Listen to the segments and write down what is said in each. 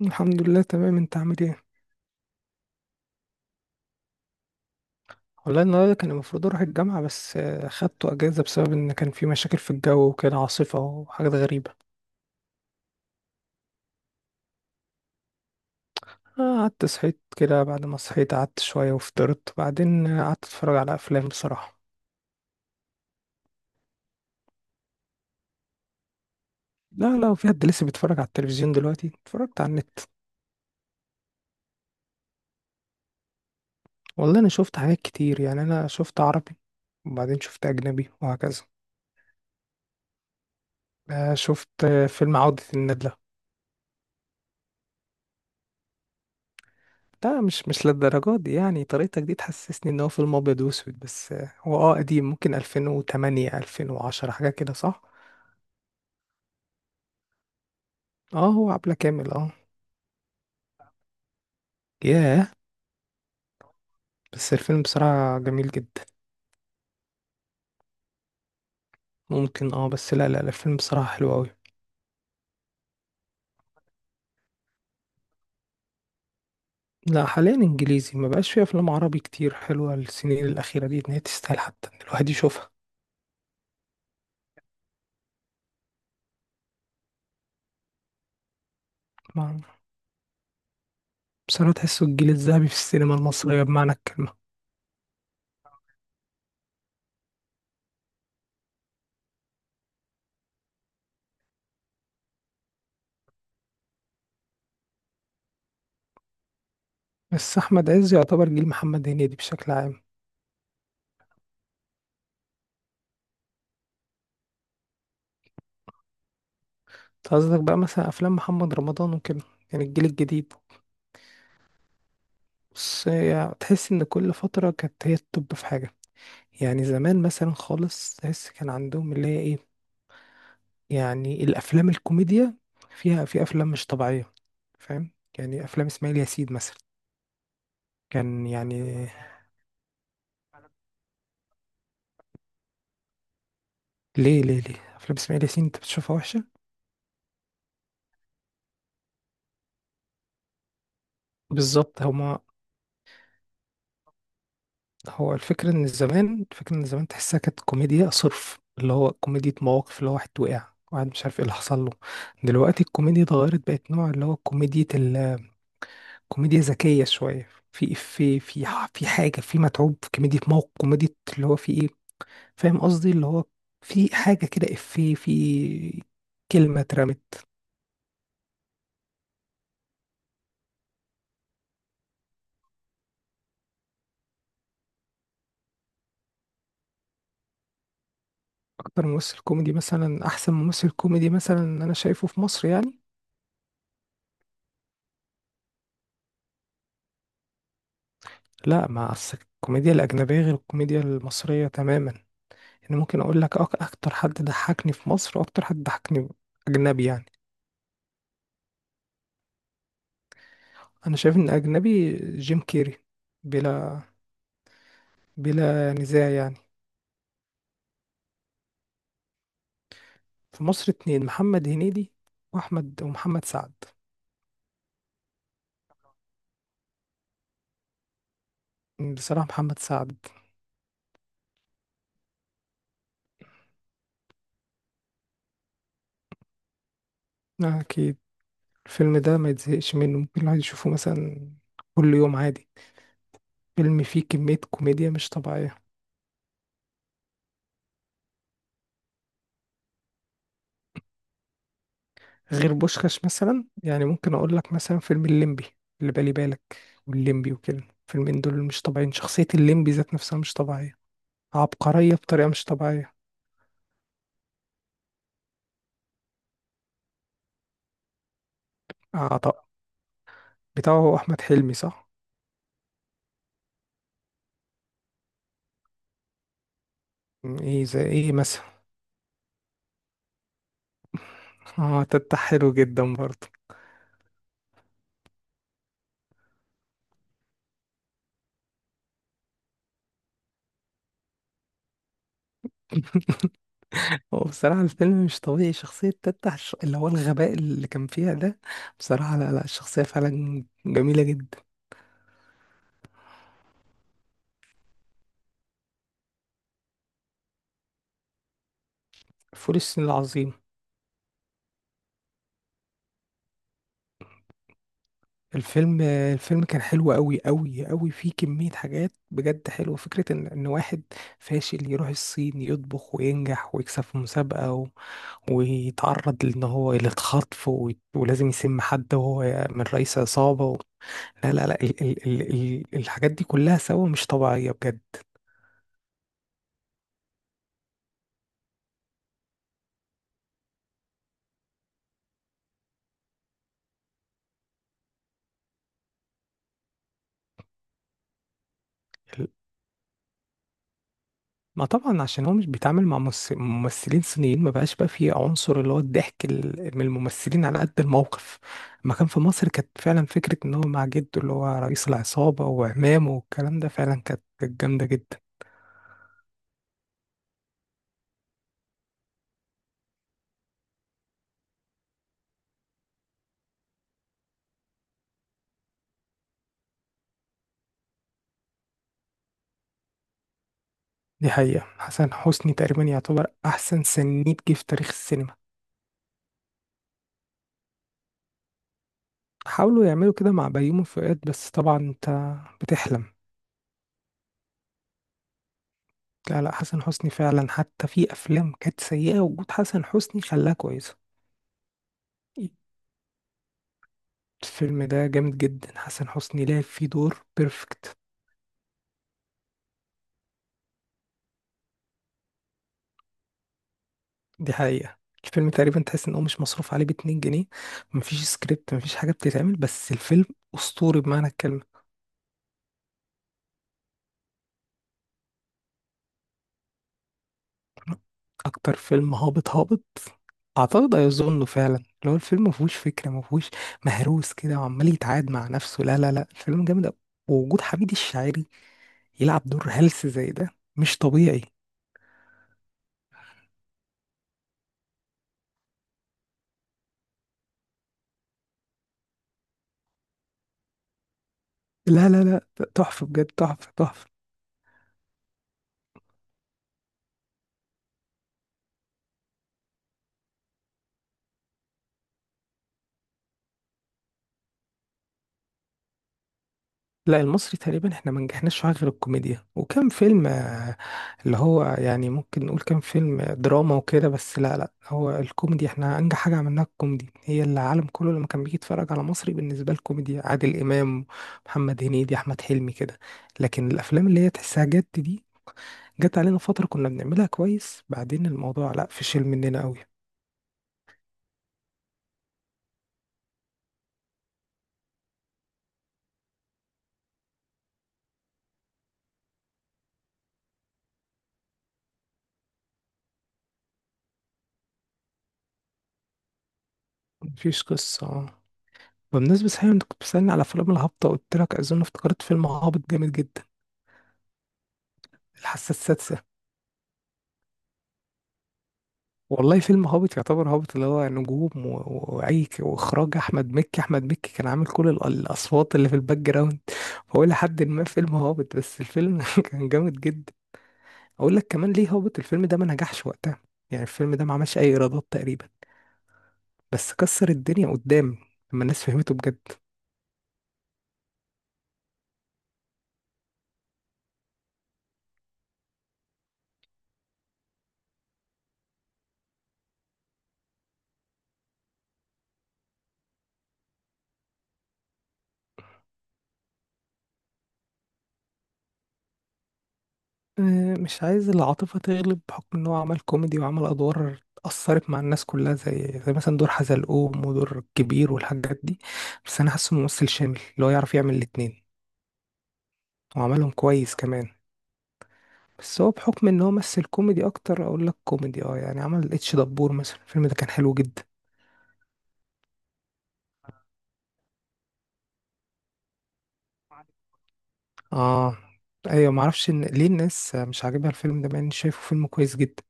الحمد لله تمام. انت عامل ايه؟ والله النهارده كان المفروض اروح الجامعه بس خدته اجازه بسبب ان كان في مشاكل في الجو وكده، عاصفه وحاجات غريبه. قعدت صحيت كده، بعد ما صحيت قعدت شويه وفطرت، بعدين قعدت اتفرج على افلام بصراحه. لا لا، وفي حد لسه بيتفرج على التلفزيون دلوقتي؟ اتفرجت على النت. والله انا شفت حاجات كتير، يعني انا شفت عربي وبعدين شفت اجنبي وهكذا. شفت فيلم عودة الندلة. لا، مش للدرجة دي. يعني طريقتك دي تحسسني ان هو فيلم ابيض واسود، بس هو قديم، ممكن 2008 2010 حاجة كده، صح. اه، هو عبلة كامل، اه. ياه. بس الفيلم بصراحة جميل جدا. ممكن اه، بس لا لا لا، الفيلم بصراحة حلو اوي. لا، حاليا انجليزي، ما بقاش فيه افلام عربي كتير حلوة السنين الاخيرة دي ان هي تستاهل حتى ان الواحد يشوفها. ما- بصراحة تحسه الجيل الذهبي في السينما المصرية بمعنى الكلمة. بس احمد عز يعتبر جيل محمد هنيدي بشكل عام. قصدك بقى مثلا افلام محمد رمضان وكده، يعني الجيل الجديد. بس يعني تحس ان كل فتره كانت هي التوب في حاجه، يعني زمان مثلا خالص تحس كان عندهم اللي هي ايه، يعني الافلام الكوميديا، فيها في افلام مش طبيعيه، فاهم؟ يعني افلام اسماعيل ياسين مثلا. كان يعني. ليه ليه ليه افلام اسماعيل ياسين انت بتشوفها وحشه؟ بالظبط هما. هو الفكرة إن زمان تحسها كانت كوميديا صرف، اللي هو كوميديا مواقف، اللي هو واحد وقع، واحد مش عارف ايه اللي حصل له. دلوقتي الكوميديا اتغيرت، بقت نوع اللي هو كوميديا كوميديا ذكية شوية، في إفيه، في في حاجة في متعوب، في كوميديا موقف، كوميديا اللي هو في إيه، فاهم قصدي اللي هو في حاجة كده، إفيه، في كلمة اترمت. أكتر ممثل كوميدي مثلا، أحسن ممثل كوميدي مثلا، أنا شايفه في مصر يعني. لا، مع الكوميديا الأجنبية غير الكوميديا المصرية تماما. يعني ممكن اقول لك اكتر حد ضحكني في مصر، واكتر حد ضحكني اجنبي يعني. انا شايف ان اجنبي جيم كيري، بلا بلا نزاع يعني. في مصر، اتنين: محمد هنيدي واحمد، ومحمد سعد. بصراحة محمد سعد. اكيد. الفيلم ده ما يتزهقش منه، ممكن الواحد يشوفه مثلا كل يوم عادي. فيلم فيه كمية كوميديا مش طبيعية. غير بوشخاش مثلا، يعني ممكن اقول لك مثلا فيلم الليمبي، اللي بالي بالك، والليمبي وكده، فيلمين دول مش طبيعيين. شخصية الليمبي ذات نفسها مش طبيعية، عبقرية بطريقة مش طبيعية. عطاء بتاعه هو أحمد حلمي، صح؟ ايه، زي ايه مثلا؟ اه، تتح حلو جدا برضه. هو بصراحة الفيلم مش طبيعي، شخصية تتح اللي هو الغباء اللي كان فيها ده، بصراحة لا لا، الشخصية فعلا جميلة جدا. فول الصين العظيم. الفيلم كان حلو قوي قوي قوي، فيه كمية حاجات بجد حلوة، فكرة ان واحد فاشل يروح الصين، يطبخ وينجح ويكسب في مسابقة، و... ويتعرض لان هو للخطف، و... ولازم يسم حد، وهو من رئيس عصابة. و... لا لا لا، الحاجات دي كلها سوا مش طبيعية بجد. ما طبعا عشان هو مش بيتعامل مع ممثلين صينيين، ما بقاش بقى فيه عنصر اللي هو الضحك من الممثلين على قد الموقف. ما كان في مصر كانت فعلا فكرة ان هو مع جده اللي هو رئيس العصابة وعمامه والكلام ده فعلا كانت جامدة جدا. دي حقيقة. حسن حسني تقريبا يعتبر احسن سنيد جه في تاريخ السينما. حاولوا يعملوا كده مع بيومي فؤاد، بس طبعا انت بتحلم. لا لا، حسن حسني فعلا، حتى في افلام كانت سيئة وجود حسن حسني خلاها كويسة. الفيلم ده جامد جدا، حسن حسني لعب فيه دور بيرفكت. دي حقيقة. الفيلم تقريبا تحس ان هو مش مصروف عليه باتنين جنيه، مفيش سكريبت، مفيش حاجة بتتعمل، بس الفيلم اسطوري بمعنى الكلمة. اكتر فيلم هابط هابط، اعتقد هيظنه فعلا. اللي هو الفيلم مفهوش فكرة، مفهوش، مهروس كده وعمال يتعاد مع نفسه، لا لا لا الفيلم جامد أوي. ووجود حميد الشاعري يلعب دور هلس زي ده، مش طبيعي. لا لا لا، تحفة بجد، تحفة تحفة. لا، المصري تقريبا احنا ما نجحناش في حاجة غير الكوميديا، وكم فيلم اللي هو يعني ممكن نقول كم فيلم دراما وكده، بس لا لا، هو الكوميدي احنا انجح حاجة عملناها، الكوميدي هي اللي العالم كله لما كان بيجي يتفرج على مصري. بالنسبة للكوميديا عادل إمام، محمد هنيدي، أحمد حلمي كده. لكن الأفلام اللي هي تحسها جد دي، جت علينا فترة كنا بنعملها كويس، بعدين الموضوع لا، فشل مننا قوي. مفيش قصة. بمناسبة صحيح، انت كنت بتسألني على أفلام الهابطة، قلت لك أظن افتكرت فيلم هابط جامد جدا: الحاسة السادسة. والله فيلم هابط يعتبر هابط، اللي هو نجوم وأي وإخراج أحمد مكي كان عامل كل الأصوات اللي في الباك جراوند، فهو لحد ما فيلم هابط، بس الفيلم كان جامد جدا. أقول لك كمان ليه هابط: الفيلم ده ما نجحش وقتها، يعني الفيلم ده ما عملش أي إيرادات تقريبا، بس كسر الدنيا قدام لما الناس فهمته بجد. مش عايز العاطفة تغلب بحكم إن هو عمل كوميدي وعمل أدوار أثرت مع الناس كلها، زي مثلا دور حزلقوم ودور الكبير والحاجات دي. بس أنا حاسه ممثل شامل اللي هو يعرف يعمل الاتنين، وعملهم كويس كمان. بس هو بحكم إن هو مثل كوميدي أكتر، أقول لك كوميدي. يعني عمل اتش دبور مثلا، الفيلم ده كان حلو جدا. أه، أيوة، معرفش إن ليه الناس مش عاجبها الفيلم ده مع إني شايفه فيلم كويس جدا.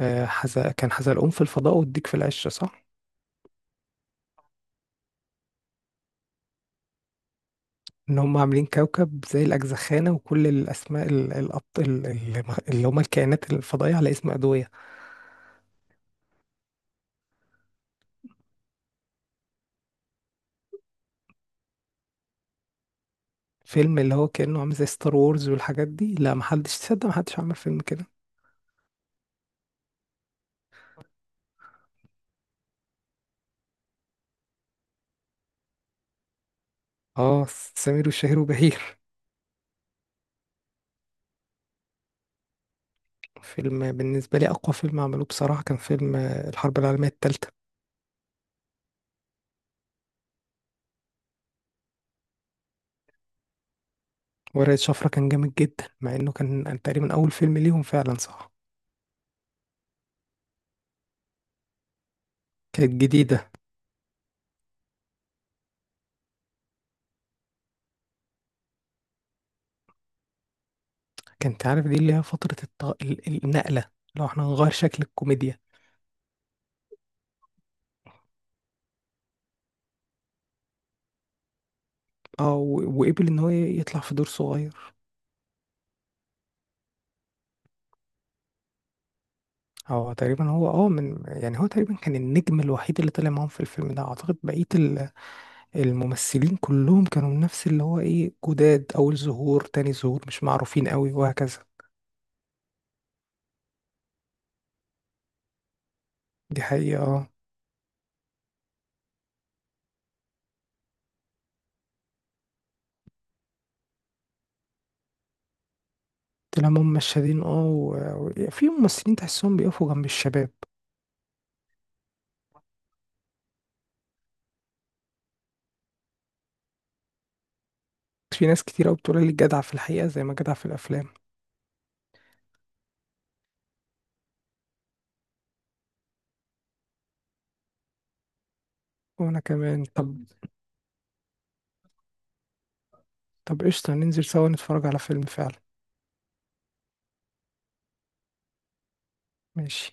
كان حزلقوم في الفضاء والديك في العشرة، صح؟ ان هم عاملين كوكب زي الاجزخانه، وكل الاسماء اللي هم الكائنات الفضائيه على اسم ادويه. فيلم اللي هو كانه عامل زي ستار وورز والحاجات دي، لا محدش تصدق، محدش عمل فيلم كده. اه، سمير وشهير وبهير. فيلم بالنسبه لي، اقوى فيلم عملوه بصراحه كان فيلم الحرب العالميه الثالثه. ورقه شفره كان جامد جدا، مع انه كان تقريبا اول فيلم ليهم فعلا، صح. كانت جديده. كانت عارف دي اللي هي فتره النقله، لو احنا هنغير شكل الكوميديا. وقبل ان هو يطلع في دور صغير. هو تقريبا هو اه من يعني هو تقريبا كان النجم الوحيد اللي طلع معاهم في الفيلم ده. اعتقد بقية الممثلين كلهم كانوا من نفس اللي هو ايه، جداد، اول ظهور تاني ظهور، مش معروفين قوي وهكذا. دي حقيقة، اه. طلع هم مشادين، اه، وفي ممثلين تحسهم بيقفوا جنب الشباب. في ناس كتير قوي بتقول لي جدع في الحقيقة زي ما جدع في الافلام. وانا كمان، طب. طب قشطة، ننزل سوا نتفرج على فيلم فعلا. ماشي.